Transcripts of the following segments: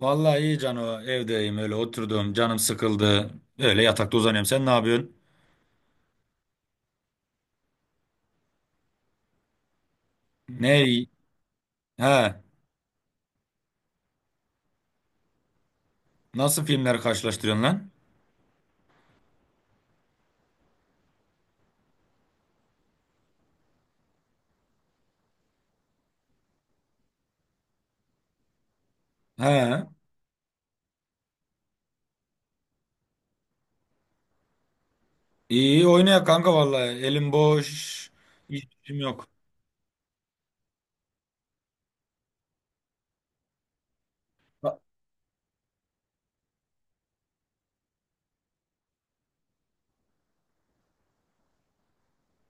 Vallahi iyi Cano, evdeyim, öyle oturdum, canım sıkıldı. Öyle yatakta uzanıyorum. Sen ne yapıyorsun? Ne? He. Nasıl filmler karşılaştırıyorsun lan? He. İyi oynayak kanka vallahi. Elim boş. Hiç işim yok.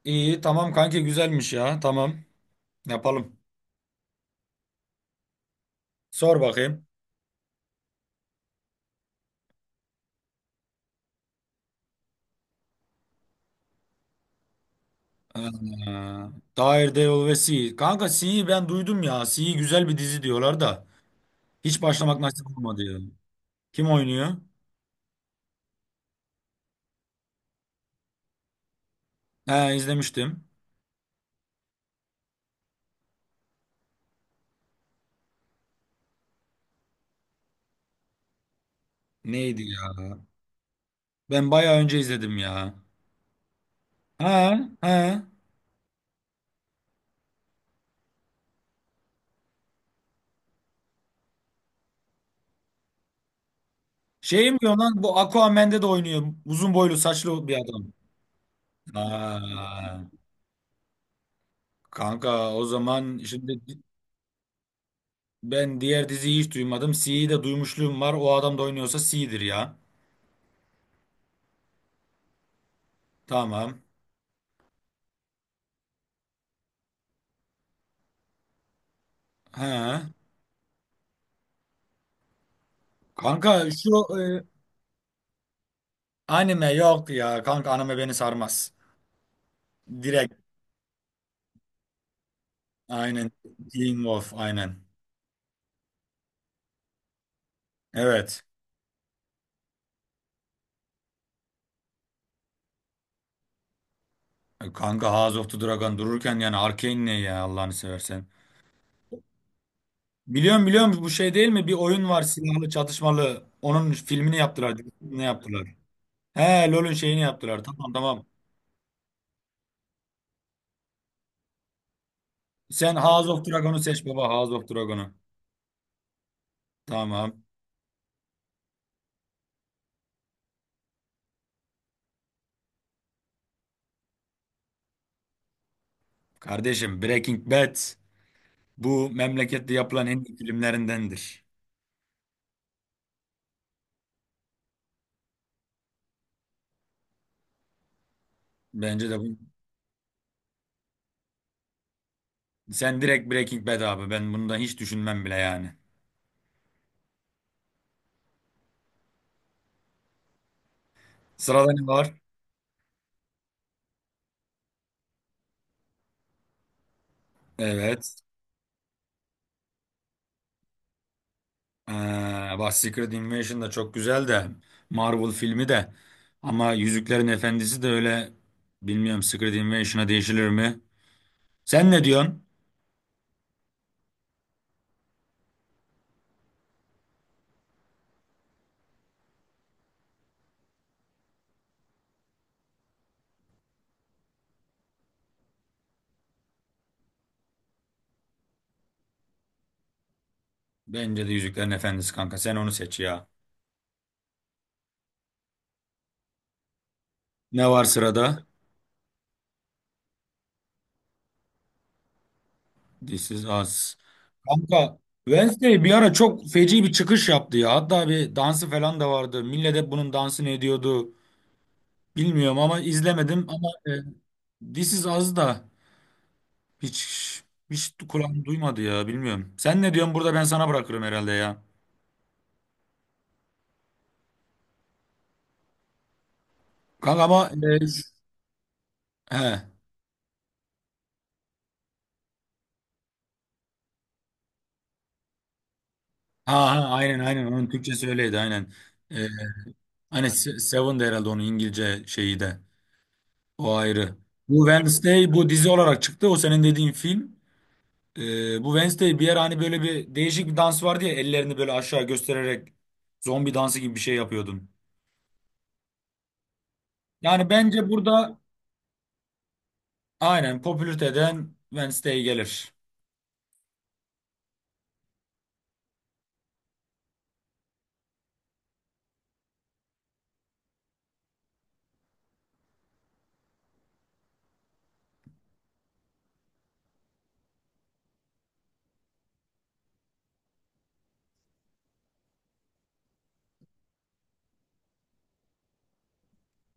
İyi tamam kanki, güzelmiş ya. Tamam. Yapalım. Sor bakayım. Ee, Daredevil ve C. Kanka C'yi ben duydum ya. C güzel bir dizi diyorlar da. Hiç başlamak nasip olmadı ya. Kim oynuyor? He, izlemiştim. Neydi ya? Ben bayağı önce izledim ya. Ha ha. Şey mi diyor lan, bu Aquaman'de de oynuyor. Uzun boylu saçlı bir adam. Aa, kanka o zaman şimdi ben diğer diziyi hiç duymadım. C'yi de duymuşluğum var. O adam da oynuyorsa C'dir ya. Tamam. Ha. Kanka şu e, anime yok ya. Kanka anime beni sarmaz. Direkt aynen. Teen Wolf aynen. Evet. E, kanka House of the Dragon dururken yani Arcane ne ya Allah'ını seversen. Biliyorum biliyorum, bu şey değil mi? Bir oyun var silahlı çatışmalı. Onun filmini yaptılar. Ne yaptılar? He, LoL'ün şeyini yaptılar. Tamam tamam. Sen House of Dragon'u seç baba. House of Dragon'u. Tamam. Kardeşim Breaking Bad bu memlekette yapılan en iyi filmlerindendir. Bence de bu. Sen direkt Breaking Bad abi. Ben bundan hiç düşünmem bile yani. Sırada ne var? Evet. Ee, bak Secret Invasion da çok güzel de Marvel filmi de, ama Yüzüklerin Efendisi de öyle, bilmiyorum Secret Invasion'a değişilir mi? Sen ne diyorsun? Bence de Yüzüklerin Efendisi kanka, sen onu seç ya. Ne var sırada? This is Us. Kanka Wednesday bir ara çok feci bir çıkış yaptı ya. Hatta bir dansı falan da vardı. Millet hep bunun dansını ediyordu. Bilmiyorum ama izlemedim, ama This is Us da. Hiç hiç kulağım duymadı ya, bilmiyorum. Sen ne diyorsun burada, ben sana bırakırım herhalde ya. Kanka ama e, ş- he. Ha, ha aynen aynen, onun Türkçesi öyleydi aynen. E, hani Seven de herhalde onun İngilizce şeyi de. O ayrı. Bu Wednesday bu dizi olarak çıktı. O senin dediğin film. E, bu Wednesday bir yer, hani böyle bir değişik bir dans vardı ya, ellerini böyle aşağı göstererek zombi dansı gibi bir şey yapıyordun. Yani bence burada aynen popülariteden Wednesday gelir.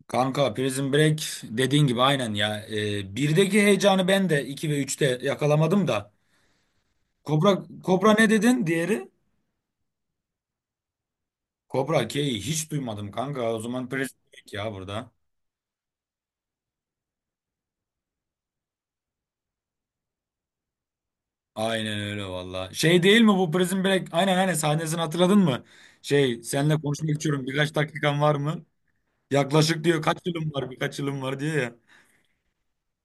Kanka Prison Break dediğin gibi aynen ya. Birdeki heyecanı ben de 2 ve üçte yakalamadım da. Kobra, Kobra ne dedin diğeri? Kobra K'yi hiç duymadım kanka. O zaman Prison Break ya burada. Aynen öyle valla. Şey değil mi bu Prison Break? Aynen aynen, sahnesini hatırladın mı? Şey, seninle konuşmak istiyorum, birkaç dakikan var mı? Yaklaşık diyor, kaç yılım var, birkaç yılım var diyor ya.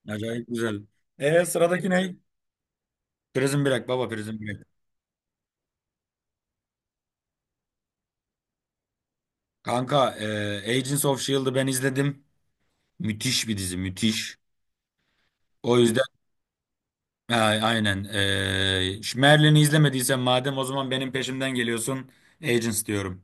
Acayip güzel. E sıradaki ne? Prison Break baba, Prison Break. Kanka Agents of S.H.I.E.L.D.'ı ben izledim. Müthiş bir dizi, müthiş. O yüzden a- aynen. Şu Merlin'i izlemediysen madem, o zaman benim peşimden geliyorsun. Agents diyorum.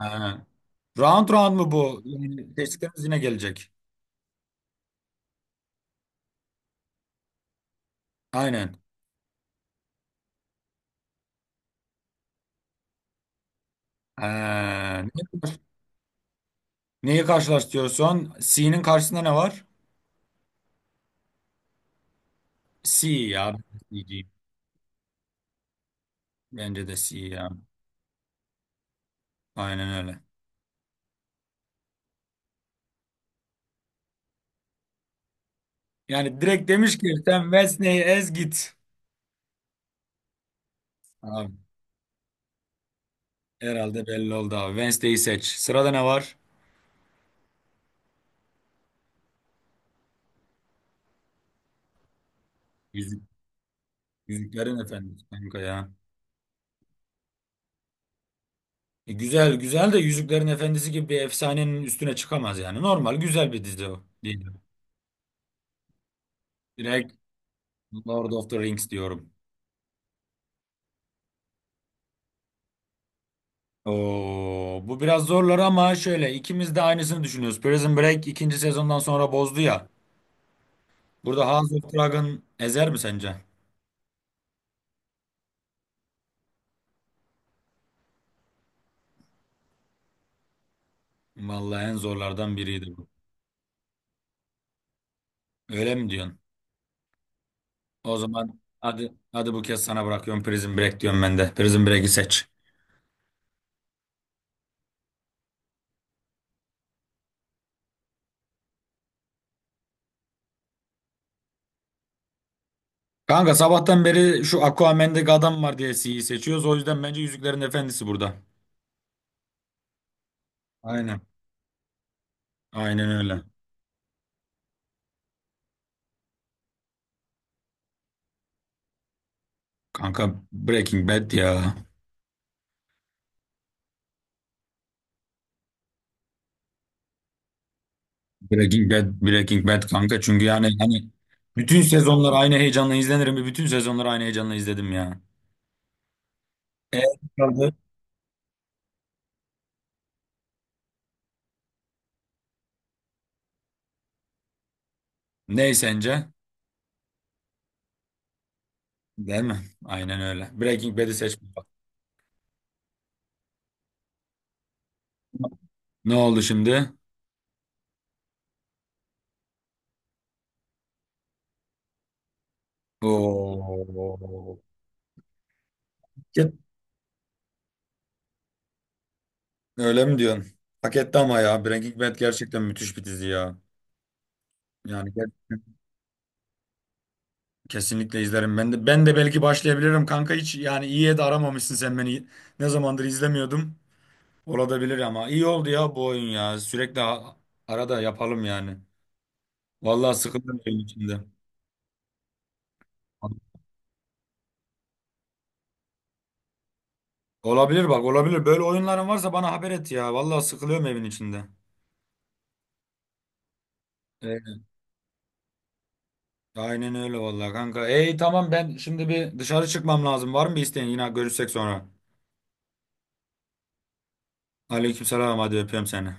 Ha. Round round mu bu? Yani seçtiklerimiz yine gelecek. Aynen. Ha. Neyi karşılaştırıyorsun? C'nin karşısında ne var? C ya. C diyeyim. Bence de C ya. Aynen öyle. Yani direkt demiş ki sen Wednesday'i ez git. Abi, herhalde belli oldu abi. Wednesday'i seç. Sırada ne var? Yüzüklerin Efendisi kanka ya. E, güzel güzel de, Yüzüklerin Efendisi gibi bir efsanenin üstüne çıkamaz yani. Normal güzel bir dizi o. Değil. Direkt Lord of the Rings diyorum. Oo, bu biraz zorlar ama şöyle, ikimiz de aynısını düşünüyoruz. Prison Break ikinci sezondan sonra bozdu ya. Burada House of Dragon ezer mi sence? Vallahi en zorlardan biriydi bu. Öyle mi diyorsun? O zaman hadi hadi, bu kez sana bırakıyorum, Prison Break diyorum ben de. Prison Break'i seç. Kanka sabahtan beri şu Aquaman'deki adam var diye C'yi seçiyoruz. O yüzden bence Yüzüklerin Efendisi burada. Aynen. Aynen öyle. Kanka Breaking Bad ya. Breaking Bad, Breaking Bad kanka. Çünkü yani hani bütün sezonlar aynı heyecanla izlenirim. Ve Bütün sezonları aynı heyecanla izledim ya. E kaldı. Ne sence? Değil mi? Aynen öyle. Breaking Bad'i seç. Ne oldu şimdi? Oo. Öyle mi diyorsun? Hak etti ama ya. Breaking Bad gerçekten müthiş bir dizi ya. Yani gerçekten. Kesinlikle izlerim. Ben de belki başlayabilirim kanka, hiç yani iyiye de aramamışsın sen beni. Ne zamandır izlemiyordum. Olabilir, ama iyi oldu ya bu oyun ya. Sürekli arada yapalım yani. Vallahi sıkıldım evin içinde. Olabilir bak olabilir. Böyle oyunların varsa bana haber et ya. Vallahi sıkılıyorum evin içinde. Evet. Aynen öyle vallahi kanka. Ey tamam, ben şimdi bir dışarı çıkmam lazım. Var mı bir isteğin? Yine görüşsek sonra. Aleykümselam, hadi öpüyorum seni.